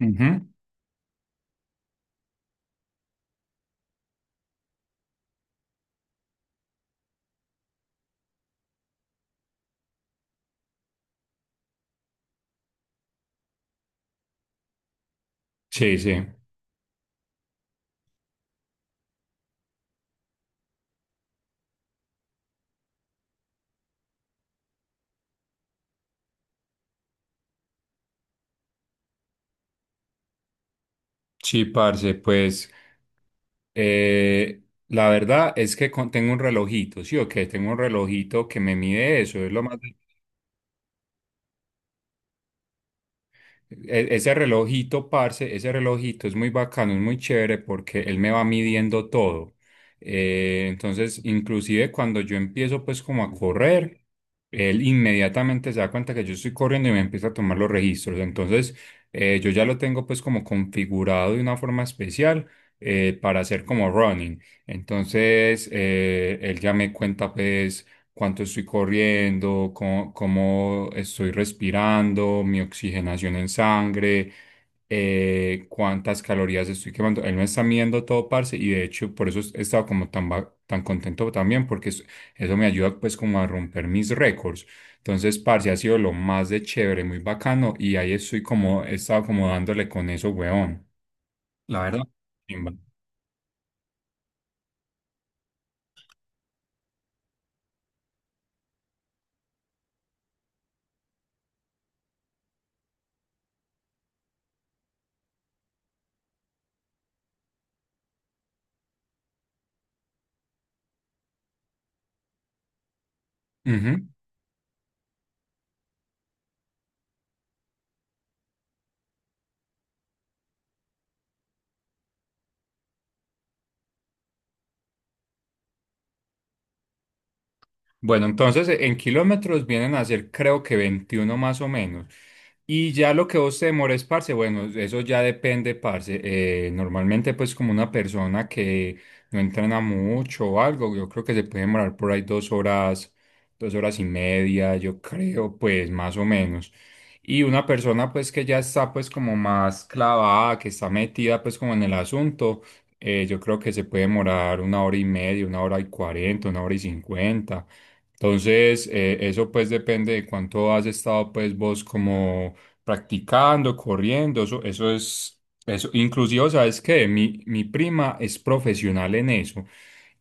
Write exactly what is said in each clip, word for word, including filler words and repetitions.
Ujú. Sí, sí. Sí, parce, pues eh, la verdad es que con- tengo un relojito, sí, o que tengo un relojito que me mide eso, es lo más. E- Ese relojito, parce, ese relojito es muy bacano, es muy chévere porque él me va midiendo todo. Eh, entonces, inclusive cuando yo empiezo pues como a correr, él inmediatamente se da cuenta que yo estoy corriendo y me empieza a tomar los registros. Entonces, eh, yo ya lo tengo pues como configurado de una forma especial, eh, para hacer como running. Entonces, eh, él ya me cuenta pues cuánto estoy corriendo, cómo, cómo estoy respirando, mi oxigenación en sangre, eh, cuántas calorías estoy quemando. Él me está midiendo todo, parce, y de hecho por eso he estado como tan, va- tan contento también, porque es- eso me ayuda pues como a romper mis récords. Entonces, parce, ha sido lo más de chévere, muy bacano, y ahí estoy como, he estado como dándole con eso, weón. La verdad. Chimba. Ujú. Bueno, entonces e- en kilómetros vienen a ser creo que veintiuno más o menos. Y ya lo que vos te demores, parce, bueno, eso ya depende, parce. Eh, normalmente pues como una persona que no entrena mucho o algo, yo creo que se puede demorar por ahí dos horas, dos horas y media, yo creo, pues más o menos. Y una persona pues que ya está pues como más clavada, que está metida pues como en el asunto, eh, yo creo que se puede demorar una hora y media, una hora y cuarenta, una hora y cincuenta. Entonces, eh, eso pues depende de cuánto has estado pues vos como practicando, corriendo, eso, eso es, eso, inclusive, ¿sabes qué? Mi, mi prima es profesional en eso,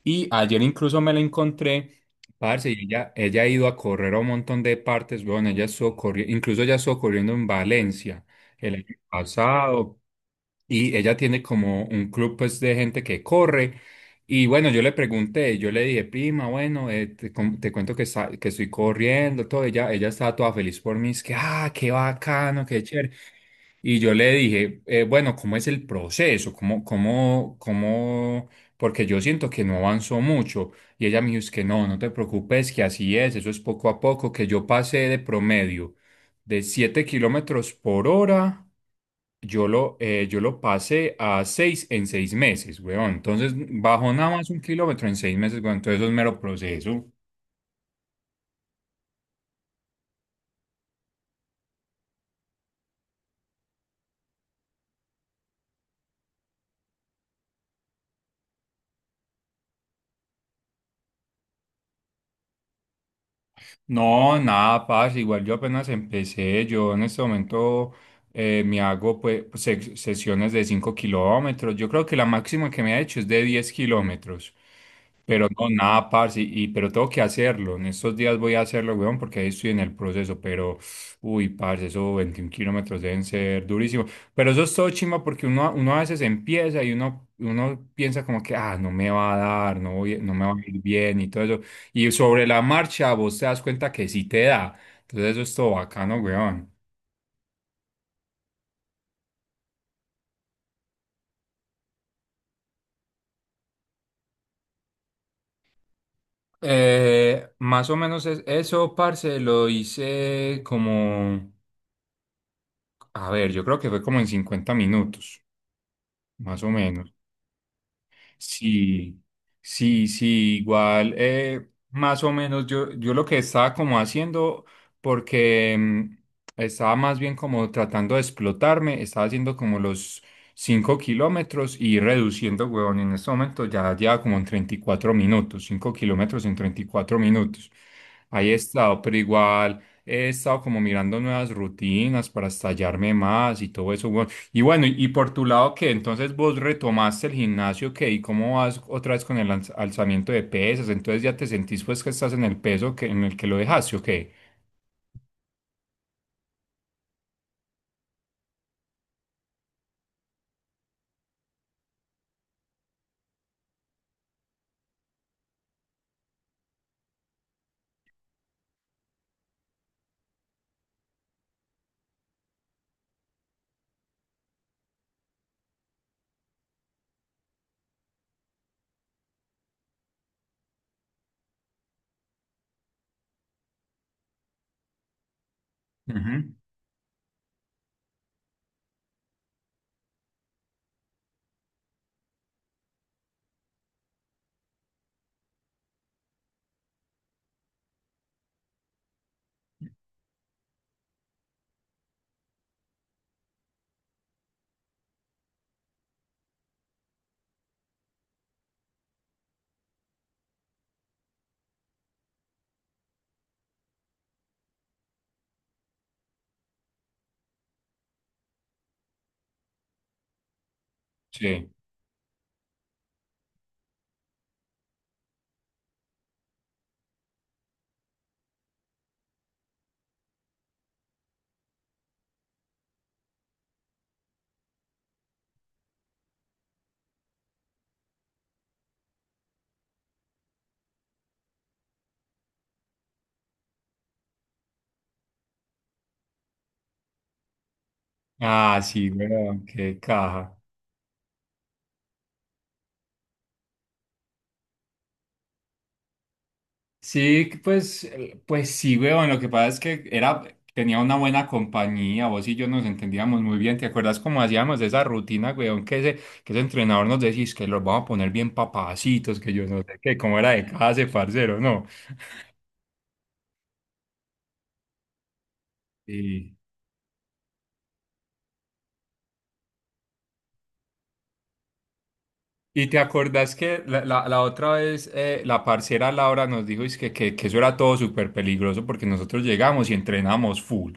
y ayer incluso me la encontré, parce, y ella, ella ha ido a correr a un montón de partes, bueno, ella estuvo corriendo, incluso ella estuvo corriendo en Valencia el año pasado, y ella tiene como un club pues de gente que corre. Y bueno, yo le pregunté, yo le dije, prima, bueno, eh, te, com- te cuento que, está- que estoy corriendo, todo, ella, ella estaba toda feliz por mí, es que, ah, qué bacano, qué chévere. Y yo le dije, eh, bueno, ¿cómo es el proceso? ¿Cómo, cómo, cómo? Porque yo siento que no avanzó mucho. Y ella me dijo, es que no, no te preocupes, que así es, eso es poco a poco, que yo pasé de promedio de siete kilómetros por hora, yo lo, eh, yo lo pasé a seis en seis meses, weón. Entonces bajó nada más un kilómetro en seis meses, weón. Entonces eso es mero proceso. No, nada, pasa. Igual yo apenas empecé. Yo en este momento eh, me hago pues se- sesiones de cinco kilómetros. Yo creo que la máxima que me ha hecho es de diez kilómetros. Pero no, nada, parce, y, y- pero tengo que hacerlo. En estos días voy a hacerlo, weón, porque ahí estoy en el proceso. Pero, uy, parce, esos veintiún kilómetros deben ser durísimos. Pero eso es todo chimba porque uno, uno a veces empieza y uno, uno piensa como que, ah, no me va a dar, no voy, no me va a ir bien y todo eso. Y sobre la marcha vos te das cuenta que sí te da. Entonces eso es todo bacano, weón. Eh, más o menos es eso, parce, lo hice como, a ver, yo creo que fue como en cincuenta minutos, más o menos. Sí, sí, sí, igual, eh, más o menos yo, yo lo que estaba como haciendo, porque mm, estaba más bien como tratando de explotarme, estaba haciendo como los cinco kilómetros y reduciendo, huevón, en este momento ya lleva como en treinta y cuatro minutos, cinco kilómetros en treinta y cuatro minutos. Ahí he estado, pero igual he estado como mirando nuevas rutinas para estallarme más y todo eso, huevón. Y bueno, y y por tu lado, ¿qué? Entonces vos retomaste el gimnasio, ¿qué? ¿Y cómo vas otra vez con el alz- alzamiento de pesas? Entonces ya te sentís pues que estás en el peso que, en el que lo dejaste, ¿o qué? Ujú. Sí. Ah, sí, weón, qué caja. Sí, que pues, eh, pues sí, weón, lo que pasa es que era, tenía una buena compañía, vos y yo nos entendíamos muy bien, ¿te acuerdas cómo hacíamos esa rutina, weón? Que ese, que ese entrenador nos decís que los vamos a poner bien papacitos, que yo no sé qué, cómo era de casa, ese parcero, ¿no? Sí. ¿Y te acordás que la, la- la otra vez eh, la parcera Laura nos dijo es que, que, que eso era todo súper peligroso porque nosotros llegamos y entrenamos full,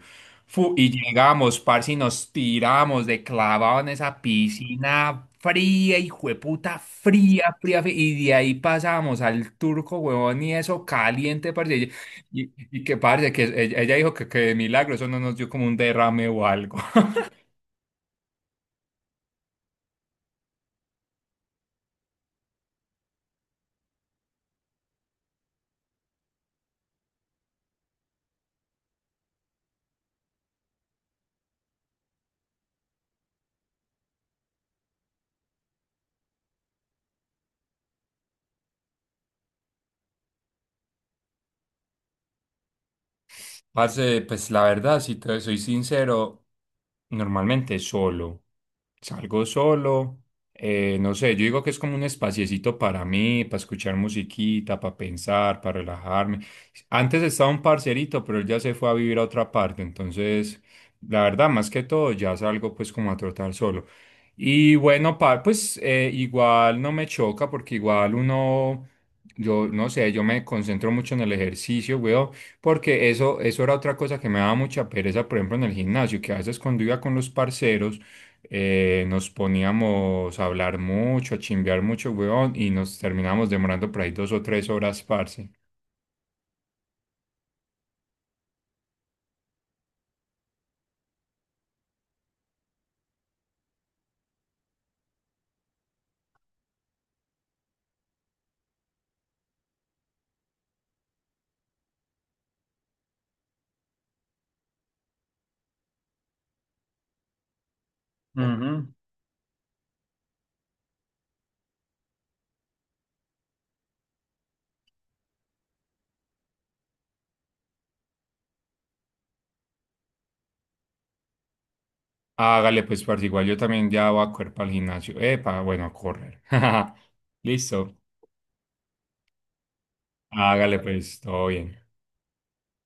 fu y llegamos, parce, y nos tiramos de clavado en esa piscina fría, y puta, fría, fría, fría, y de ahí pasamos al turco, huevón, y eso caliente, parce, y, y- y que parce, que ella, ella dijo que, que de milagro eso no nos dio como un derrame o algo. Parce, pues la verdad, si te soy sincero, normalmente solo. Salgo solo, eh, no sé, yo digo que es como un espaciecito para mí, para escuchar musiquita, para pensar, para relajarme. Antes estaba un parcerito, pero él ya se fue a vivir a otra parte, entonces, la verdad, más que todo, ya salgo pues como a trotar solo. Y bueno, pa- pues eh, igual no me choca porque igual uno, yo no sé, yo me concentro mucho en el ejercicio, weón. Porque eso, eso era otra cosa que me daba mucha pereza, por ejemplo, en el gimnasio, que a veces cuando iba con los parceros eh, nos poníamos a hablar mucho, a chimbear mucho, weón, y nos terminábamos demorando por ahí dos o tres horas, parce. Ujú. Hágale, pues, parce, igual yo también ya voy a correr para el gimnasio. Epa, bueno, a correr. Listo. Hágale, pues, todo bien.